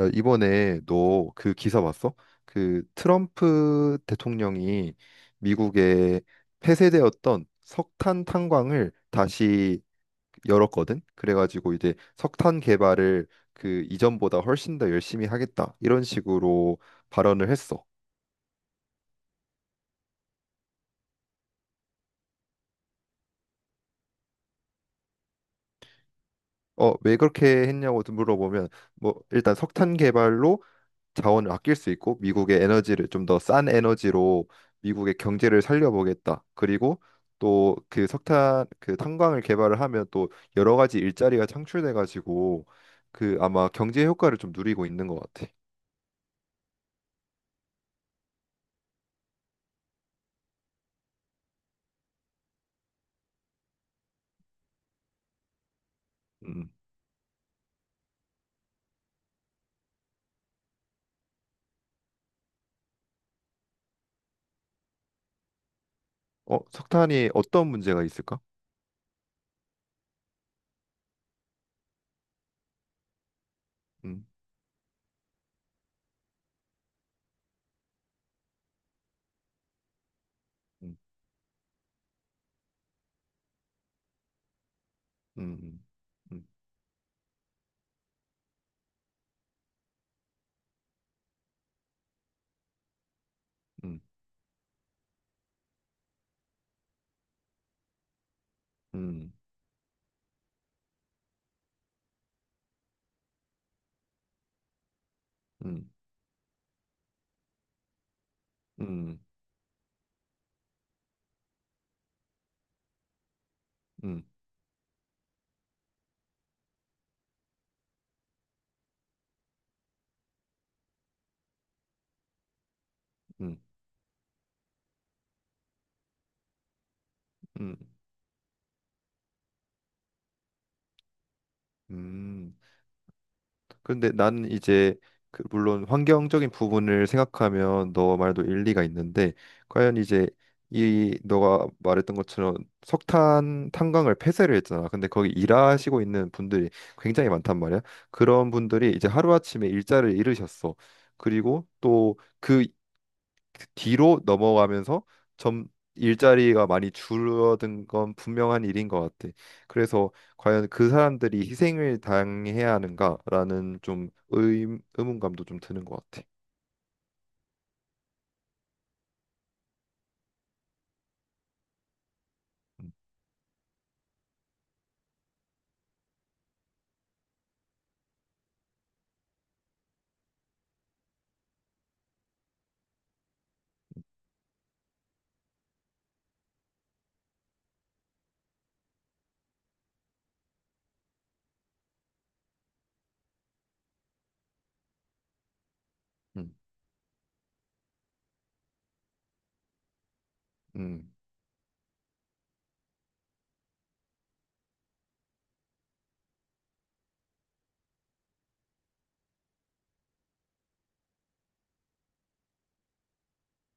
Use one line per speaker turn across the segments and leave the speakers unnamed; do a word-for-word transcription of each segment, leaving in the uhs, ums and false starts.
야, 이번에 너 그 기사 봤어? 그 트럼프 대통령이 미국에 폐쇄되었던 석탄 탄광을 다시 열었거든. 그래가지고 이제 석탄 개발을 그 이전보다 훨씬 더 열심히 하겠다. 이런 식으로 발언을 했어. 어, 왜 그렇게 했냐고 물어보면 뭐 일단 석탄 개발로 자원을 아낄 수 있고 미국의 에너지를 좀 더 싼 에너지로 미국의 경제를 살려보겠다. 그리고 또 그 석탄 그 탄광을 개발을 하면 또 여러 가지 일자리가 창출돼 가지고 그 아마 경제 효과를 좀 누리고 있는 것 같아. 음. 어, 석탄이 어떤 문제가 있을까? 음. 음. 음. 음. 음. 음. 음. 음. 음. 음. 음. 음. 음. 근데 나는 이제 그 물론 환경적인 부분을 생각하면 너 말도 일리가 있는데 과연 이제 이 너가 말했던 것처럼 석탄 탄광을 폐쇄를 했잖아. 근데 거기 일하시고 있는 분들이 굉장히 많단 말이야. 그런 분들이 이제 하루아침에 일자를 잃으셨어. 그리고 또그 그 뒤로 넘어가면서 점 일자리가 많이 줄어든 건 분명한 일인 것 같아. 그래서 과연 그 사람들이 희생을 당해야 하는가라는 좀 의, 의문감도 좀 드는 것 같아. 음, 음,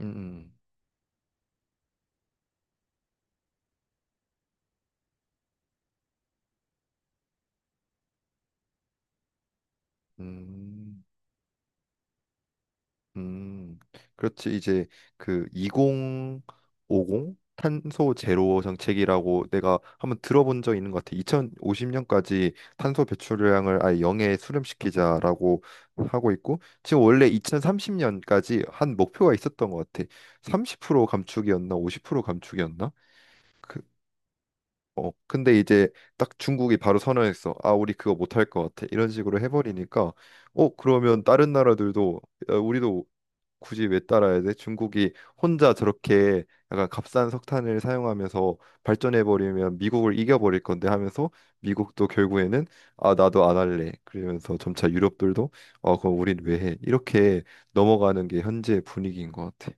음, 음, 음. 음. 음, 그렇지. 이제 그 이천오십 탄소 제로 정책이라고 내가 한번 들어본 적 있는 것 같아. 이천오십 년까지 탄소 배출량을 아예 영에 수렴시키자라고 하고 있고, 지금 원래 이천삼십 년까지 한 목표가 있었던 것 같아. 삼십 퍼센트 감축이었나, 오십 퍼센트 감축이었나? 그, 어, 근데 이제 딱 중국이 바로 선언했어. 아, 우리 그거 못할 것 같아. 이런 식으로 해버리니까, 어, 그러면 다른 나라들도 야, 우리도 굳이 왜 따라야 돼? 중국이 혼자 저렇게 약간 값싼 석탄을 사용하면서 발전해 버리면 미국을 이겨 버릴 건데 하면서 미국도 결국에는 아 나도 안 할래. 그러면서 점차 유럽들도 어 그럼 우린 왜 해? 이렇게 넘어가는 게 현재 분위기인 것 같아.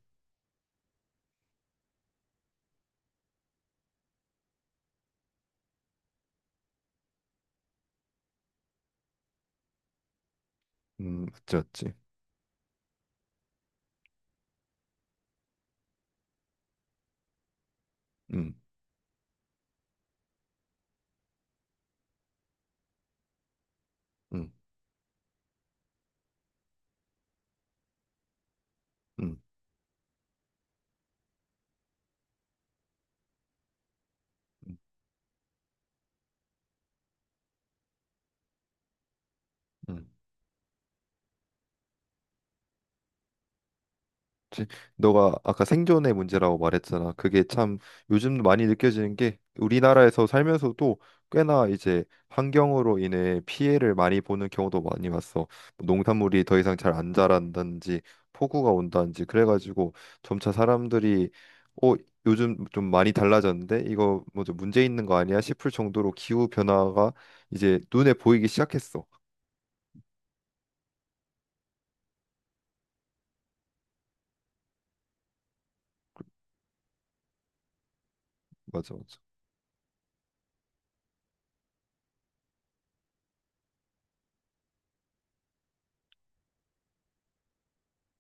음, 맞지 맞지. 음, 음, 음, 음, 음. 지- 너가 아까 생존의 문제라고 말했잖아. 그게 참 요즘 많이 느껴지는 게 우리나라에서 살면서도 꽤나 이제 환경으로 인해 피해를 많이 보는 경우도 많이 봤어. 뭐 농산물이 더 이상 잘 안 자란다든지 폭우가 온다든지 그래가지고 점차 사람들이 어 요즘 좀 많이 달라졌는데 이거 뭐 좀 문제 있는 거 아니야 싶을 정도로 기후 변화가 이제 눈에 보이기 시작했어. 맞아, 맞아.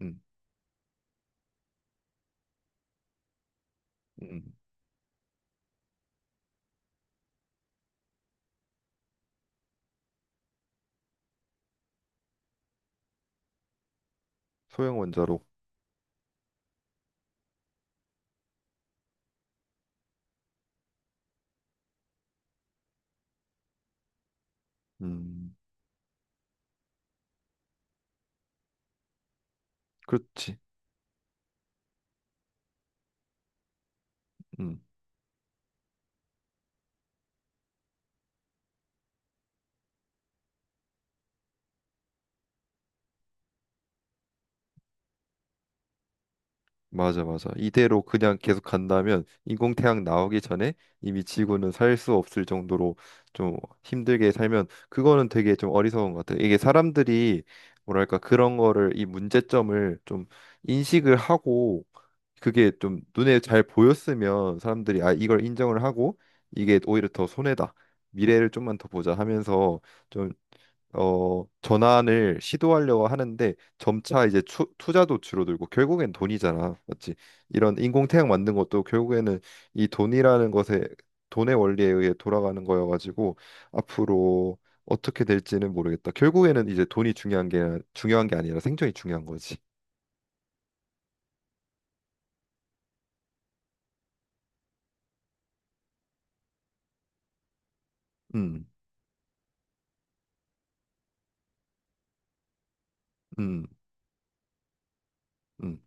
음, 음. 음. 소형 원자로. 음, 그렇지. 음. 맞아, 맞아. 이대로 그냥 계속 간다면 인공태양 나오기 전에 이미 지구는 살 수 없을 정도로 좀 힘들게 살면 그거는 되게 좀 어리석은 것 같아. 이게 사람들이 뭐랄까 그런 거를 이 문제점을 좀 인식을 하고 그게 좀 눈에 잘 보였으면 사람들이 아 이걸 인정을 하고 이게 오히려 더 손해다. 미래를 좀만 더 보자 하면서 좀 어, 전환을 시도하려고 하는데 점차 이제 추, 투자도 줄어들고 결국엔 돈이잖아. 맞지? 이런 인공태양 만든 것도 결국에는 이 돈이라는 것에 돈의 원리에 의해 돌아가는 거여가지고 앞으로 어떻게 될지는 모르겠다. 결국에는 이제 돈이 중요한 게 중요한 게 아니라 생존이 중요한 거지. 음, 음, 음,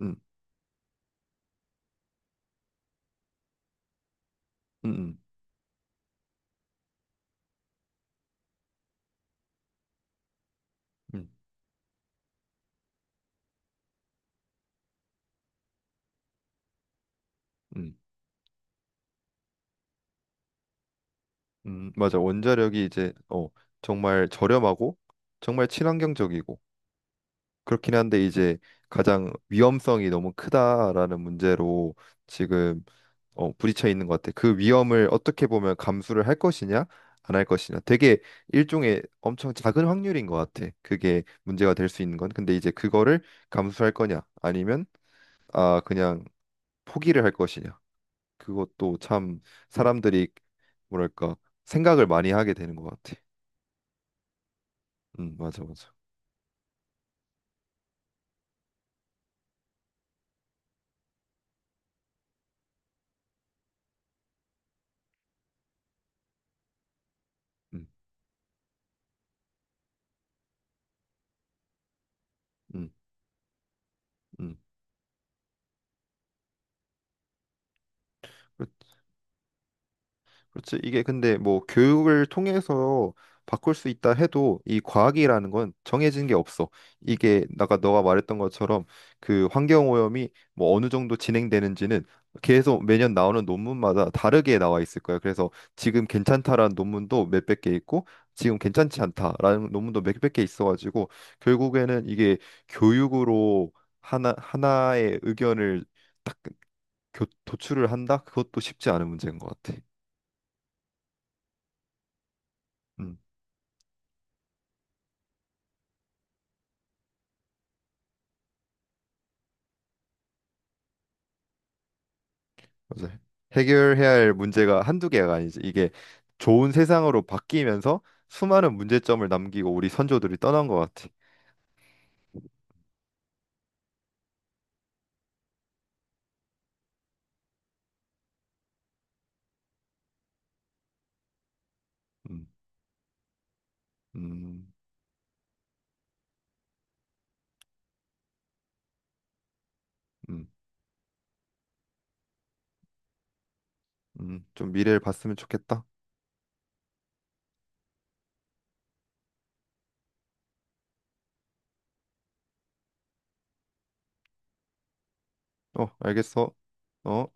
음, 음, 음, 음, 음, 음. 맞아. 원자력이 이제 어 정말 저렴하고 정말 친환경적이고 그렇긴 한데 이제 가장 위험성이 너무 크다라는 문제로 지금 어, 부딪혀 있는 것 같아. 그 위험을 어떻게 보면 감수를 할 것이냐, 안 할 것이냐. 되게 일종의 엄청 작은 확률인 것 같아. 그게 문제가 될 수 있는 건. 근데 이제 그거를 감수할 거냐, 아니면 아 그냥 포기를 할 것이냐. 그것도 참 사람들이 뭐랄까 생각을 많이 하게 되는 것 같아. 음, 맞아, 맞아. 음, 음, 음. 그렇지. 이게 근데 뭐 교육을 통해서 바꿀 수 있다 해도 이 과학이라는 건 정해진 게 없어. 이게 아까 너가 말했던 것처럼 그 환경오염이 뭐 어느 정도 진행되는지는 계속 매년 나오는 논문마다 다르게 나와 있을 거야. 그래서 지금 괜찮다라는 논문도 몇백 개 있고 지금 괜찮지 않다라는 논문도 몇백 개 있어가지고 결국에는 이게 교육으로 하나 하나의 의견을 딱 교- 도출을 한다? 그것도 쉽지 않은 문제인 것 같아. 음. 맞아요. 해결해야 할 문제가 한두 개가 아니지. 이게 좋은 세상으로 바뀌면서 수많은 문제점을 남기고 우리 선조들이 떠난 것 같아. 음, 음, 음, 음. 좀 미래를 봤으면 좋겠다. 어, 알겠어. 어?